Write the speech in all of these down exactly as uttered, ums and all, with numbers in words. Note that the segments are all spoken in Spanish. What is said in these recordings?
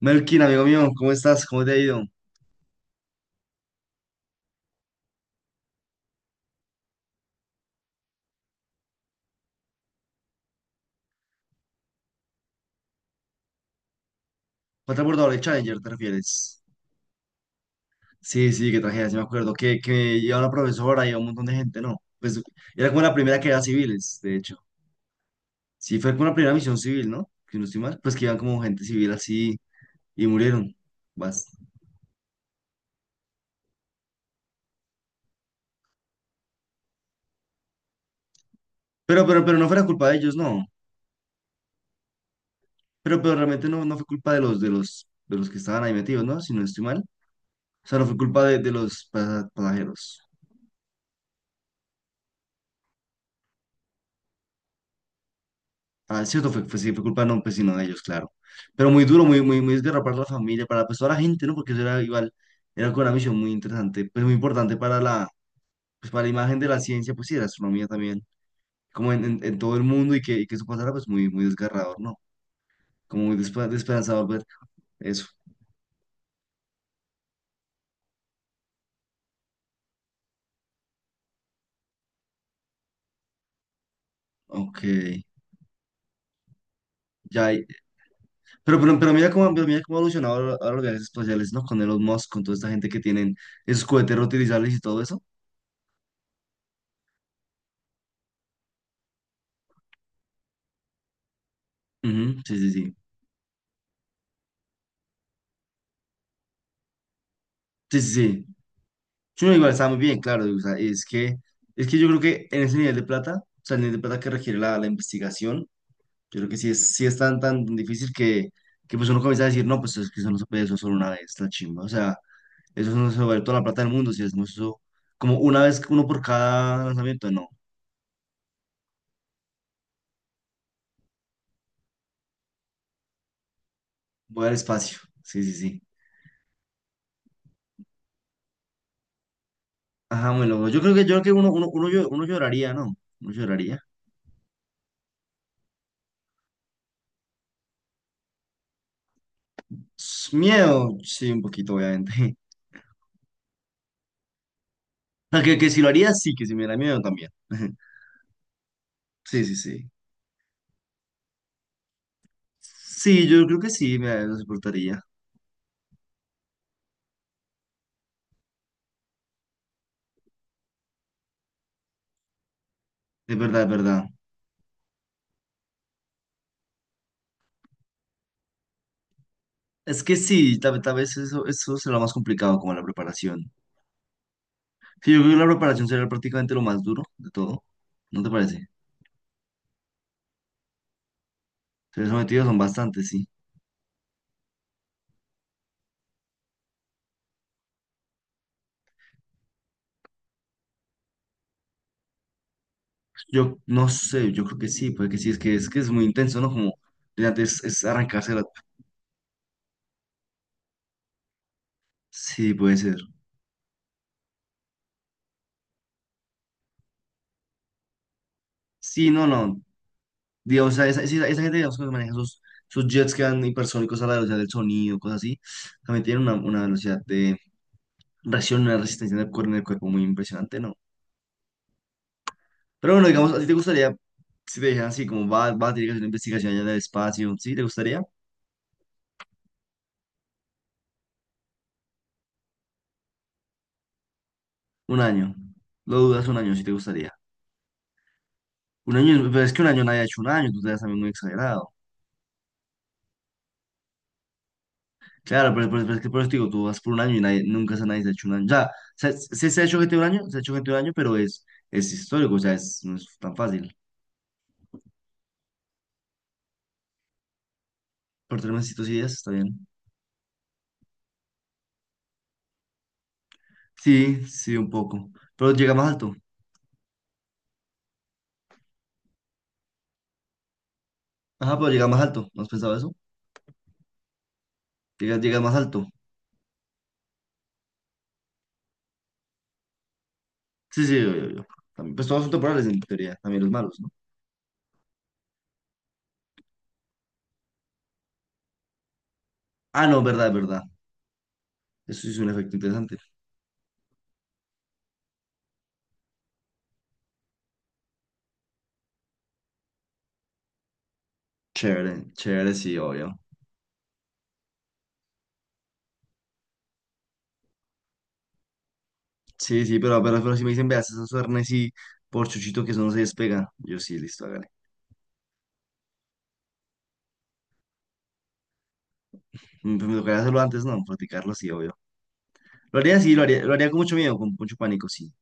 Melkin, amigo mío, ¿cómo estás? ¿Cómo te ha ido? ¿Fue transbordador de Challenger, te refieres? Sí, sí, qué tragedia, sí me acuerdo. Que, que iba una profesora y un montón de gente, ¿no? Pues era como la primera que era civiles, de hecho. Sí, fue como la primera misión civil, ¿no? Que no estoy mal, pues que iban como gente civil así y murieron. Vas. Pero, pero, pero no fue la culpa de ellos, no. Pero, pero realmente no, no fue culpa de los, de los, de los que estaban ahí metidos, ¿no? Si no estoy mal. O sea, no fue culpa de, de los pasa- pasajeros. Ah, es cierto, fue, fue- sí, fue culpa no, pues, sino de ellos, claro. Pero muy duro, muy, muy, muy desgarrador para la familia, para pues, toda la gente, ¿no? Porque eso era igual, era con una misión muy interesante, pues muy importante para la, pues, para la imagen de la ciencia, pues sí, de la astronomía también, como en, en, en todo el mundo y que, y que eso pasara, pues muy, muy desgarrador, ¿no? Como muy despe- desesperanzador ver eso. Ok, ya. Hay. Pero, pero, pero mira cómo, pero mira cómo ha evolucionado ahora ahora los viajes espaciales, ¿no? Con Elon Musk, con toda esta gente que tienen esos cohetes reutilizables y todo eso. Ujú, sí, sí, sí. Sí, sí, sí. Sí, no, igual está muy bien, claro. O sea, es que, es que yo creo que en ese nivel de plata, o sea, el nivel de plata que requiere la, la investigación, yo creo que sí es, sí es tan, tan difícil que, que pues uno comienza a decir, no, pues es que eso no se puede, eso solo una vez, la chimba. O sea, eso no se vale toda la plata del mundo, si hacemos eso como una vez, uno por cada lanzamiento, no, voy al espacio. Sí, sí, sí. Ajá, muy bueno, yo creo que, yo creo que uno, uno, uno, llo- uno lloraría, ¿no? Uno lloraría. S- Miedo, sí, un poquito, obviamente. O sea, que, que si lo haría, sí, que si me da miedo también. Sí, sí, sí. Sí, yo creo que sí, me lo soportaría. Es verdad, es verdad. Es que sí, tal, tal vez eso, eso será lo más complicado, como la preparación. Sí, yo creo que la preparación será prácticamente lo más duro de todo. ¿No te parece? Ser sometidos son bastantes, sí. Yo no sé, yo creo que sí, puede que sí, es que es que es muy intenso, ¿no? Como de antes es arrancarse la… Sí, puede ser. Sí, no, no. Digamos, esa, esa, esa- esa gente, digamos, que maneja esos, esos jets que van hipersónicos a la velocidad del sonido, cosas así, también tienen una, una velocidad de reacciona una resistencia en el cuerpo, en el cuerpo muy impresionante, ¿no? Pero bueno, digamos, ¿a ti te gustaría, si te dijeran así, como vas, vas a tener que hacer una investigación allá del espacio, ¿sí? ¿Te gustaría? Un año. Lo dudas un año, si te gustaría. Un año, es- pero es que un año nadie ha hecho un año, tú te das también muy exagerado. Claro, pero, pero- pero es que por eso te digo, tú vas por un año y nadie, nunca se, nadie se ha hecho un año. O sea, se, se, se ha hecho gente un año, se ha hecho gente un año, pero es, es histórico, o sea, es, no es tan fácil. Por tres mesecitos y días, está bien. Sí, sí, un poco. Pero llega más alto. Ajá, pero llega más alto. ¿No has pensado eso? Llega, llega más alto. Sí, sí, yo, yo, yo. También, pues todos son temporales en teoría, también los malos, ¿no? Ah, no, verdad, verdad. Eso sí es un efecto interesante. Chévere, chévere, sí, obvio. Sí, sí, pero, pero, pero si me dicen, veas, esos suernes y por chuchito que eso no se despega. Yo sí, listo, hágale. Mm, pero me tocaría hacerlo antes, no, practicarlo, sí, obvio. Lo haría, sí, lo haría, lo haría con mucho miedo, con mucho pánico, sí.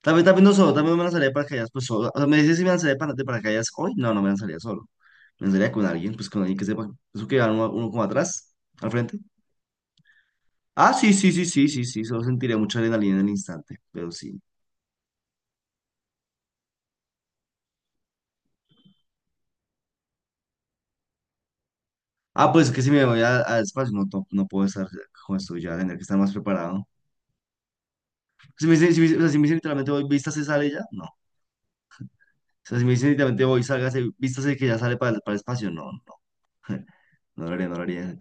Tal vez, tal vez no solo, tal vez no me lanzaría de paracaídas, pues solo. O sea, me dices si me lanzaría de para- de paracaídas hoy, no, no me lanzaría solo. Me lanzaría con alguien, pues con alguien que sepa, eso que va uno, uno como atrás, al frente. Ah, sí, sí, sí, sí, sí, sí, solo sentiré mucha adrenalina en el instante, pero sí. Ah, pues es que si me voy a- al espacio no, no, no puedo estar con esto ya, tendré que estar más preparado. Si me dicen, si me, dicen- o sea, si me dicen literalmente voy, vístase, sale ya, no. O sea, si me dicen literalmente voy, sálgase, vístase que ya sale para, el- para el espacio, no, no lo haría, no lo haría.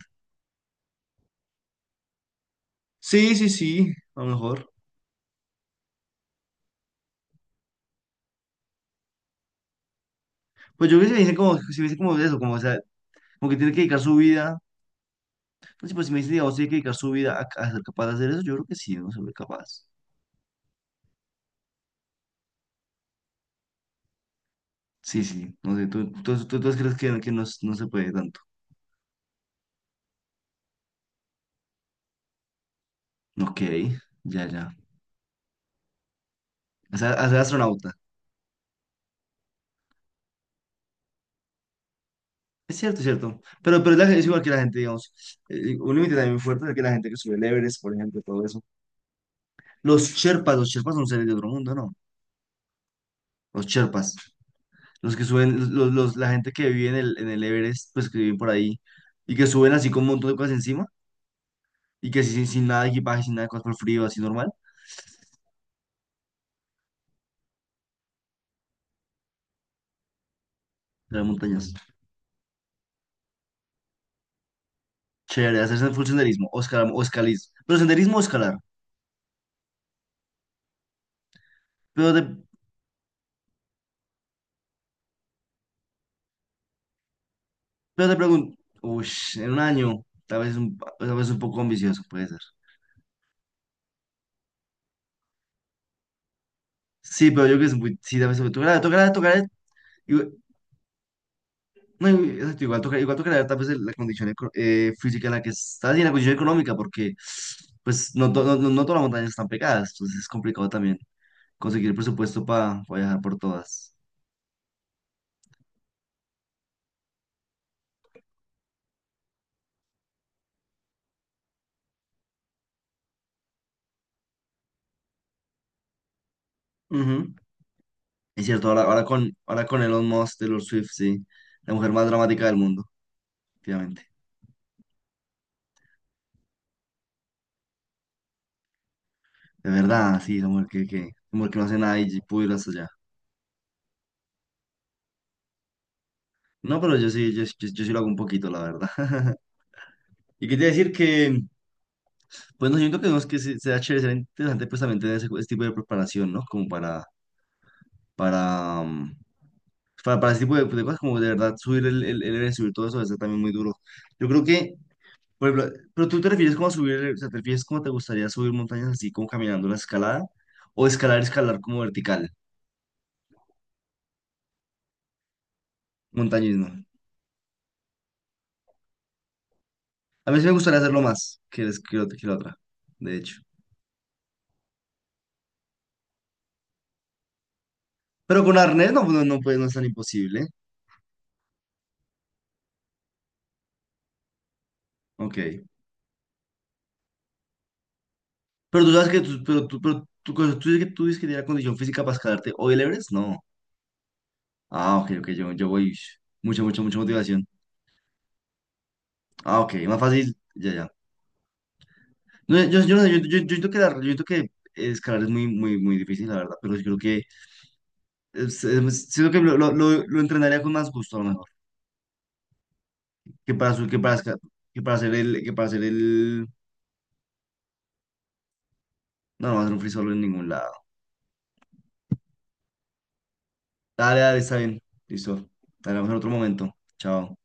Sí, sí, sí, a lo mejor. Pues yo creo que si me dicen como, si me dicen como eso, como, o sea, como que tiene que dedicar su vida, pues, sí, pues si me dicen, digamos, tiene que dedicar su vida a, a ser capaz de hacer eso, yo creo que sí, no soy capaz. Sí, sí, no sé, tú, tú, tú, tú crees que, que no, no se puede tanto. Ok, ya, ya. O sea, a ser astronauta. Es cierto, es cierto. Pero, pero es, la- es igual que la gente, digamos. Eh, un límite también muy fuerte es que la gente que sube el Everest, por ejemplo, todo eso. Los Sherpas, los Sherpas son seres de otro mundo, ¿no? Los Sherpas. Los que suben, los, los- la gente que vive en el, en el Everest, pues que viven por ahí y que suben así con un montón de cosas encima y que sí, sin, sin nada de equipaje, sin nada de cosas por frío, así normal, de las montañas. Chévere, hacerse full senderismo, o escalar, o escalismo. Pero senderismo o escalar. Pero de- Pero te pregunto, uy, en un año, tal vez un, pa- tal vez un poco ambicioso, puede ser. Sí, pero yo creo que es muy, sí, tal vez tocará, tocará, tocará, igual- no, igual- exacto, igual tocará, igual tocará tal vez el- la condición eco- eh, física en la que estás y en la condición económica, porque pues no, to- no, no, no todas las montañas están pegadas, entonces es complicado también conseguir presupuesto para viajar por todas. Ujú. Es cierto, ahora, ahora con, ahora con Elon Musk, Taylor Swift, sí, la mujer más dramática del mundo, efectivamente. De verdad, sí, la mujer que, que, la mujer que no hace nada y pudo ir hasta allá. No, pero yo sí, yo, yo- yo sí lo hago un poquito, la verdad. Y quería decir que, pues no siento que, no es que se- sea chévere, sea interesante pues también tener ese, ese tipo de preparación, ¿no? Como para, para, mm, para, para ese tipo de, de cosas, como de verdad subir el, el, el Everest, subir todo eso, debe ser también muy duro. Yo creo que, por ejemplo, pero tú te refieres como a subir, el- o sea, te refieres como te gustaría subir montañas así como caminando la escalada, o escalar, escalar como vertical, montañismo. A mí sí me gustaría hacerlo más que, es- que, ot- que la otra, de hecho. Pero con arnés no, no, no, pues, no es tan imposible. Ok. Pero tú sabes que tú, pero tú, pero tú, cosa- tú dices que tú dices que tienes la condición física para escalarte hoy el Everest. No. Ah, ok, ok, yo, yo voy. Ush, mucha, mucha, mucha motivación. Ah, ok, más fácil. Ya, ya. No, yo, yo, no sé, yo, yo, yo siento que, la- yo siento que escalar es muy, muy, muy difícil, la verdad. Pero yo creo que, es- es- siento que lo, lo, lo- lo entrenaría con más gusto, a lo mejor. Que para, su- que para, esca- que para hacer el, que para hacer el. No, no va a hacer un free solo en ningún lado. Dale, dale, está bien. Listo. Dale, vamos en otro momento. Chao.